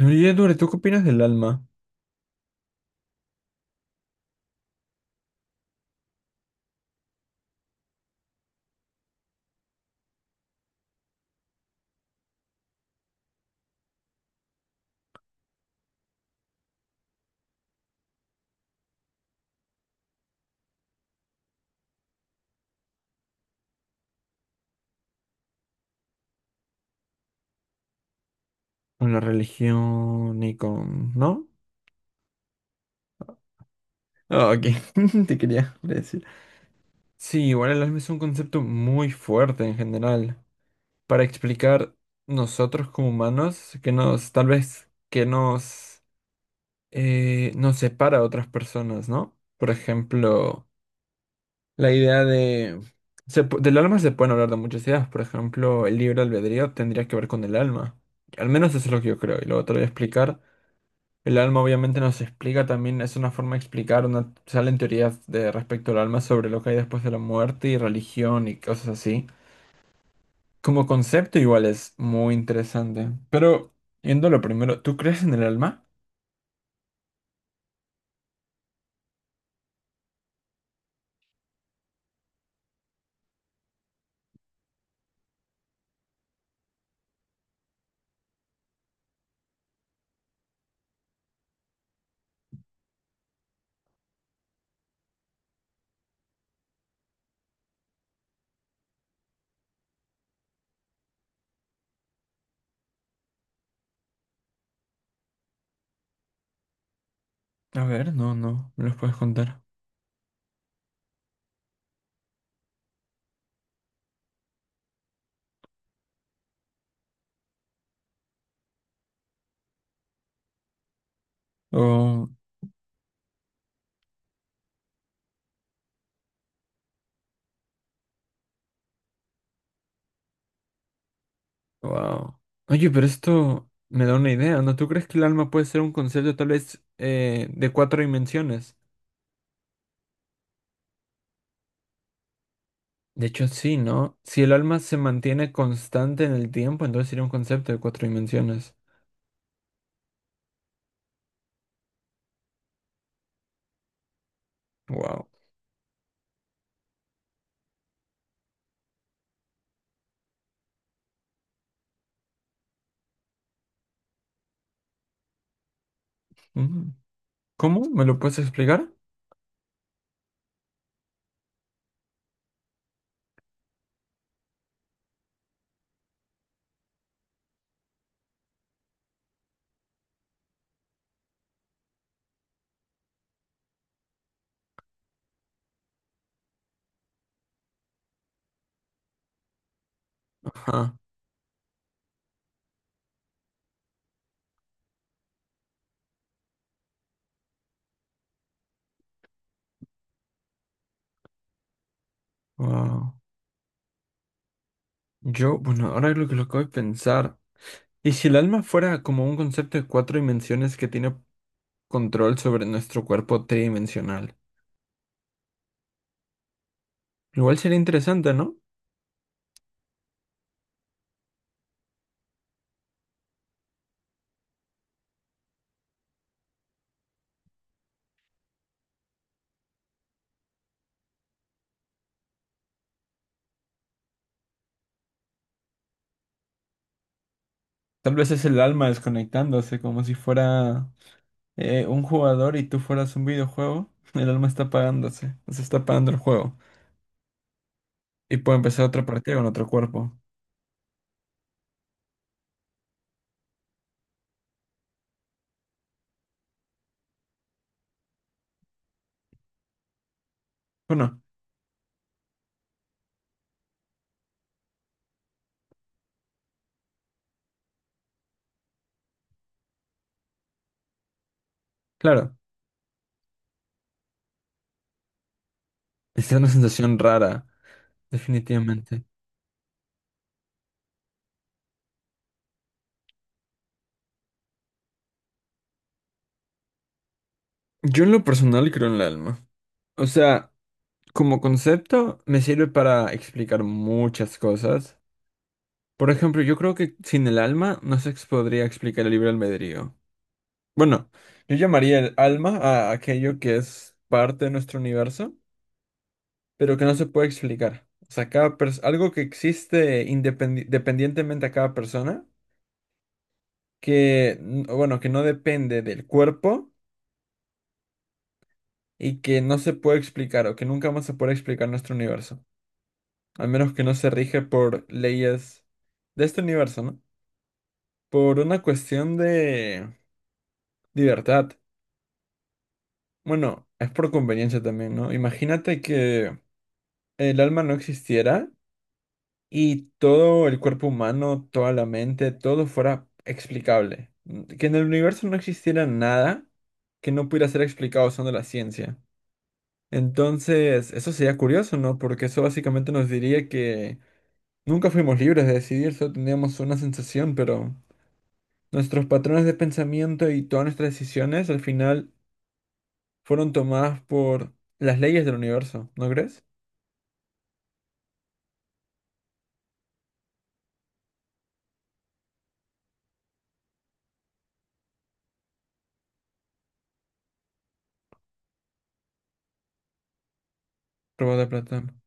Oye, Edward, ¿tú qué opinas del alma? Con la religión y con... ¿No? Ah, ok, te quería decir. Sí, igual el alma es un concepto muy fuerte en general. Para explicar nosotros como humanos, que nos, tal vez, nos separa a otras personas, ¿no? Por ejemplo, la idea de... del alma se pueden hablar de muchas ideas. Por ejemplo, el libre albedrío tendría que ver con el alma. Al menos eso es lo que yo creo, y luego te lo voy a explicar. El alma obviamente nos explica también, es una forma de explicar, una, salen teorías de respecto al alma sobre lo que hay después de la muerte y religión y cosas así. Como concepto igual es muy interesante. Pero, yendo a lo primero, ¿tú crees en el alma? A ver, no, no, me los puedes contar. Oh, wow. Oye, pero esto me da una idea, ¿no? ¿Tú crees que el alma puede ser un concepto tal vez de cuatro dimensiones? De hecho, sí, ¿no? Si el alma se mantiene constante en el tiempo, entonces sería un concepto de cuatro dimensiones. Wow. ¿Cómo? ¿Me lo puedes explicar? Ajá. Wow. Yo, bueno, ahora lo que lo acabo de pensar. ¿Y si el alma fuera como un concepto de cuatro dimensiones que tiene control sobre nuestro cuerpo tridimensional? Igual sería interesante, ¿no? Tal vez es el alma desconectándose, como si fuera un jugador y tú fueras un videojuego. El alma está apagándose, se está apagando el juego. Y puede empezar otra partida con otro cuerpo. Bueno, claro. Es una sensación rara, definitivamente. Yo en lo personal creo en el alma. O sea, como concepto me sirve para explicar muchas cosas. Por ejemplo, yo creo que sin el alma no se ex- podría explicar el libre albedrío. Bueno, yo llamaría el alma a aquello que es parte de nuestro universo, pero que no se puede explicar. O sea, algo que existe dependientemente a cada persona, que, n- o bueno, que no depende del cuerpo y que no se puede explicar o que nunca más se puede explicar en nuestro universo. Al menos que no se rige por leyes de este universo, ¿no? Por una cuestión de libertad. Bueno, es por conveniencia también, ¿no? Imagínate que el alma no existiera y todo el cuerpo humano, toda la mente, todo fuera explicable. Que en el universo no existiera nada que no pudiera ser explicado usando la ciencia. Entonces, eso sería curioso, ¿no? Porque eso básicamente nos diría que nunca fuimos libres de decidir, solo teníamos una sensación, pero... Nuestros patrones de pensamiento y todas nuestras decisiones al final fueron tomadas por las leyes del universo, ¿no crees? Probó de Platón.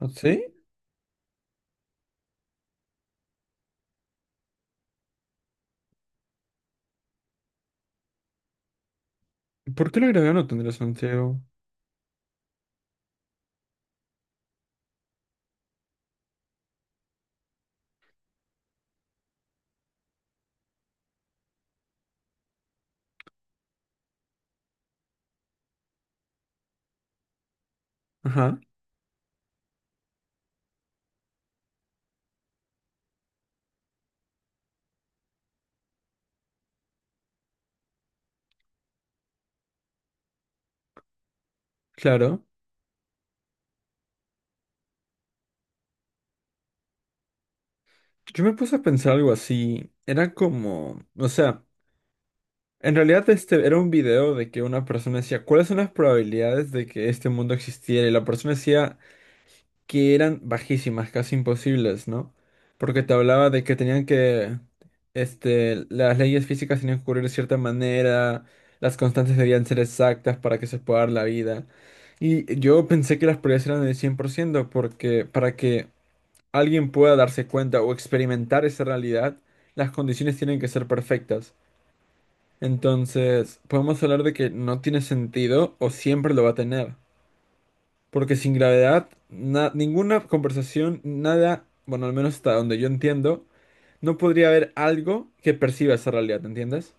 ¿Ah, ¿sí? ¿Por qué la gravedad no tendría sentido? Ajá, claro. Yo me puse a pensar algo así. Era como, o sea, en realidad este era un video de que una persona decía, ¿cuáles son las probabilidades de que este mundo existiera? Y la persona decía que eran bajísimas, casi imposibles, ¿no? Porque te hablaba de que tenían que, este, las leyes físicas tenían que ocurrir de cierta manera, las constantes debían ser exactas para que se pueda dar la vida. Y yo pensé que las probabilidades eran del 100%, porque para que alguien pueda darse cuenta o experimentar esa realidad, las condiciones tienen que ser perfectas. Entonces, podemos hablar de que no tiene sentido o siempre lo va a tener. Porque sin gravedad, ninguna conversación, nada, bueno, al menos hasta donde yo entiendo, no podría haber algo que perciba esa realidad, ¿entiendes?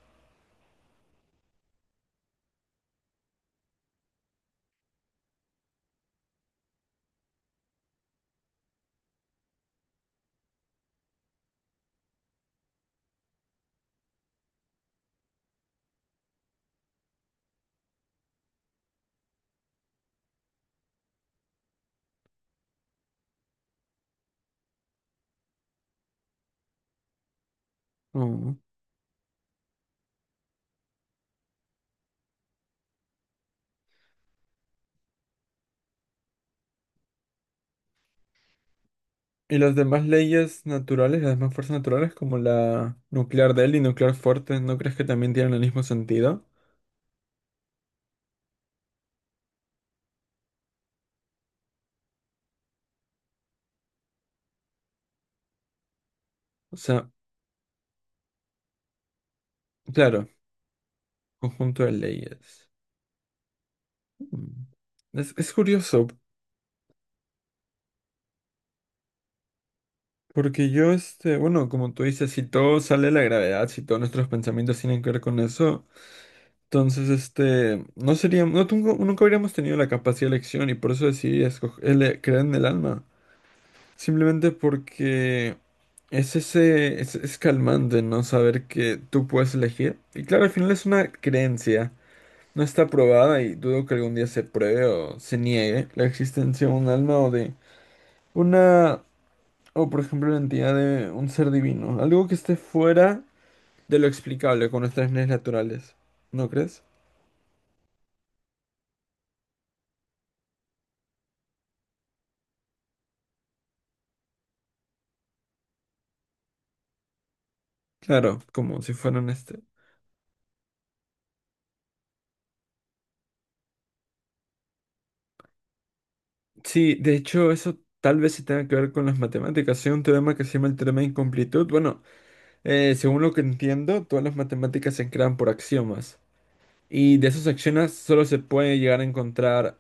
Oh. Y las demás leyes naturales, las demás fuerzas naturales, como la nuclear débil y nuclear fuerte, ¿no crees que también tienen el mismo sentido? O sea, claro, conjunto de leyes. Mm. Es curioso, porque yo, este, bueno, como tú dices, si todo sale de la gravedad, si todos nuestros pensamientos tienen que ver con eso, entonces, este, no sería, no tengo- nunca habríamos tenido la capacidad de elección y por eso decidí escoger, creer en el alma. Simplemente porque es calmante, ¿no? Saber que tú puedes elegir. Y claro, al final es una creencia. No está probada y dudo que algún día se pruebe o se niegue la existencia de un alma o de una, o por ejemplo, la entidad de un ser divino. Algo que esté fuera de lo explicable con nuestras leyes naturales. ¿No crees? Claro, como si fueran este. Sí, de hecho, eso tal vez se tenga que ver con las matemáticas. Hay un teorema que se llama el teorema de incomplitud. Bueno, según lo que entiendo, todas las matemáticas se crean por axiomas. Y de esos axiomas solo se puede llegar a encontrar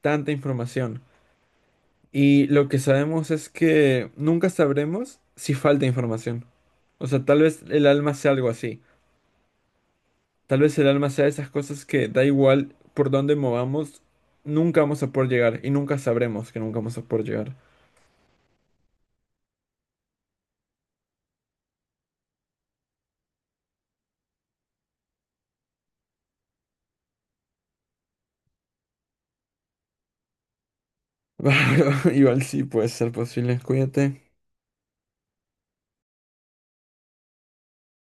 tanta información. Y lo que sabemos es que nunca sabremos si falta información. O sea, tal vez el alma sea algo así. Tal vez el alma sea esas cosas que da igual por dónde movamos, nunca vamos a poder llegar. Y nunca sabremos que nunca vamos a poder llegar. Igual sí puede ser posible, cuídate.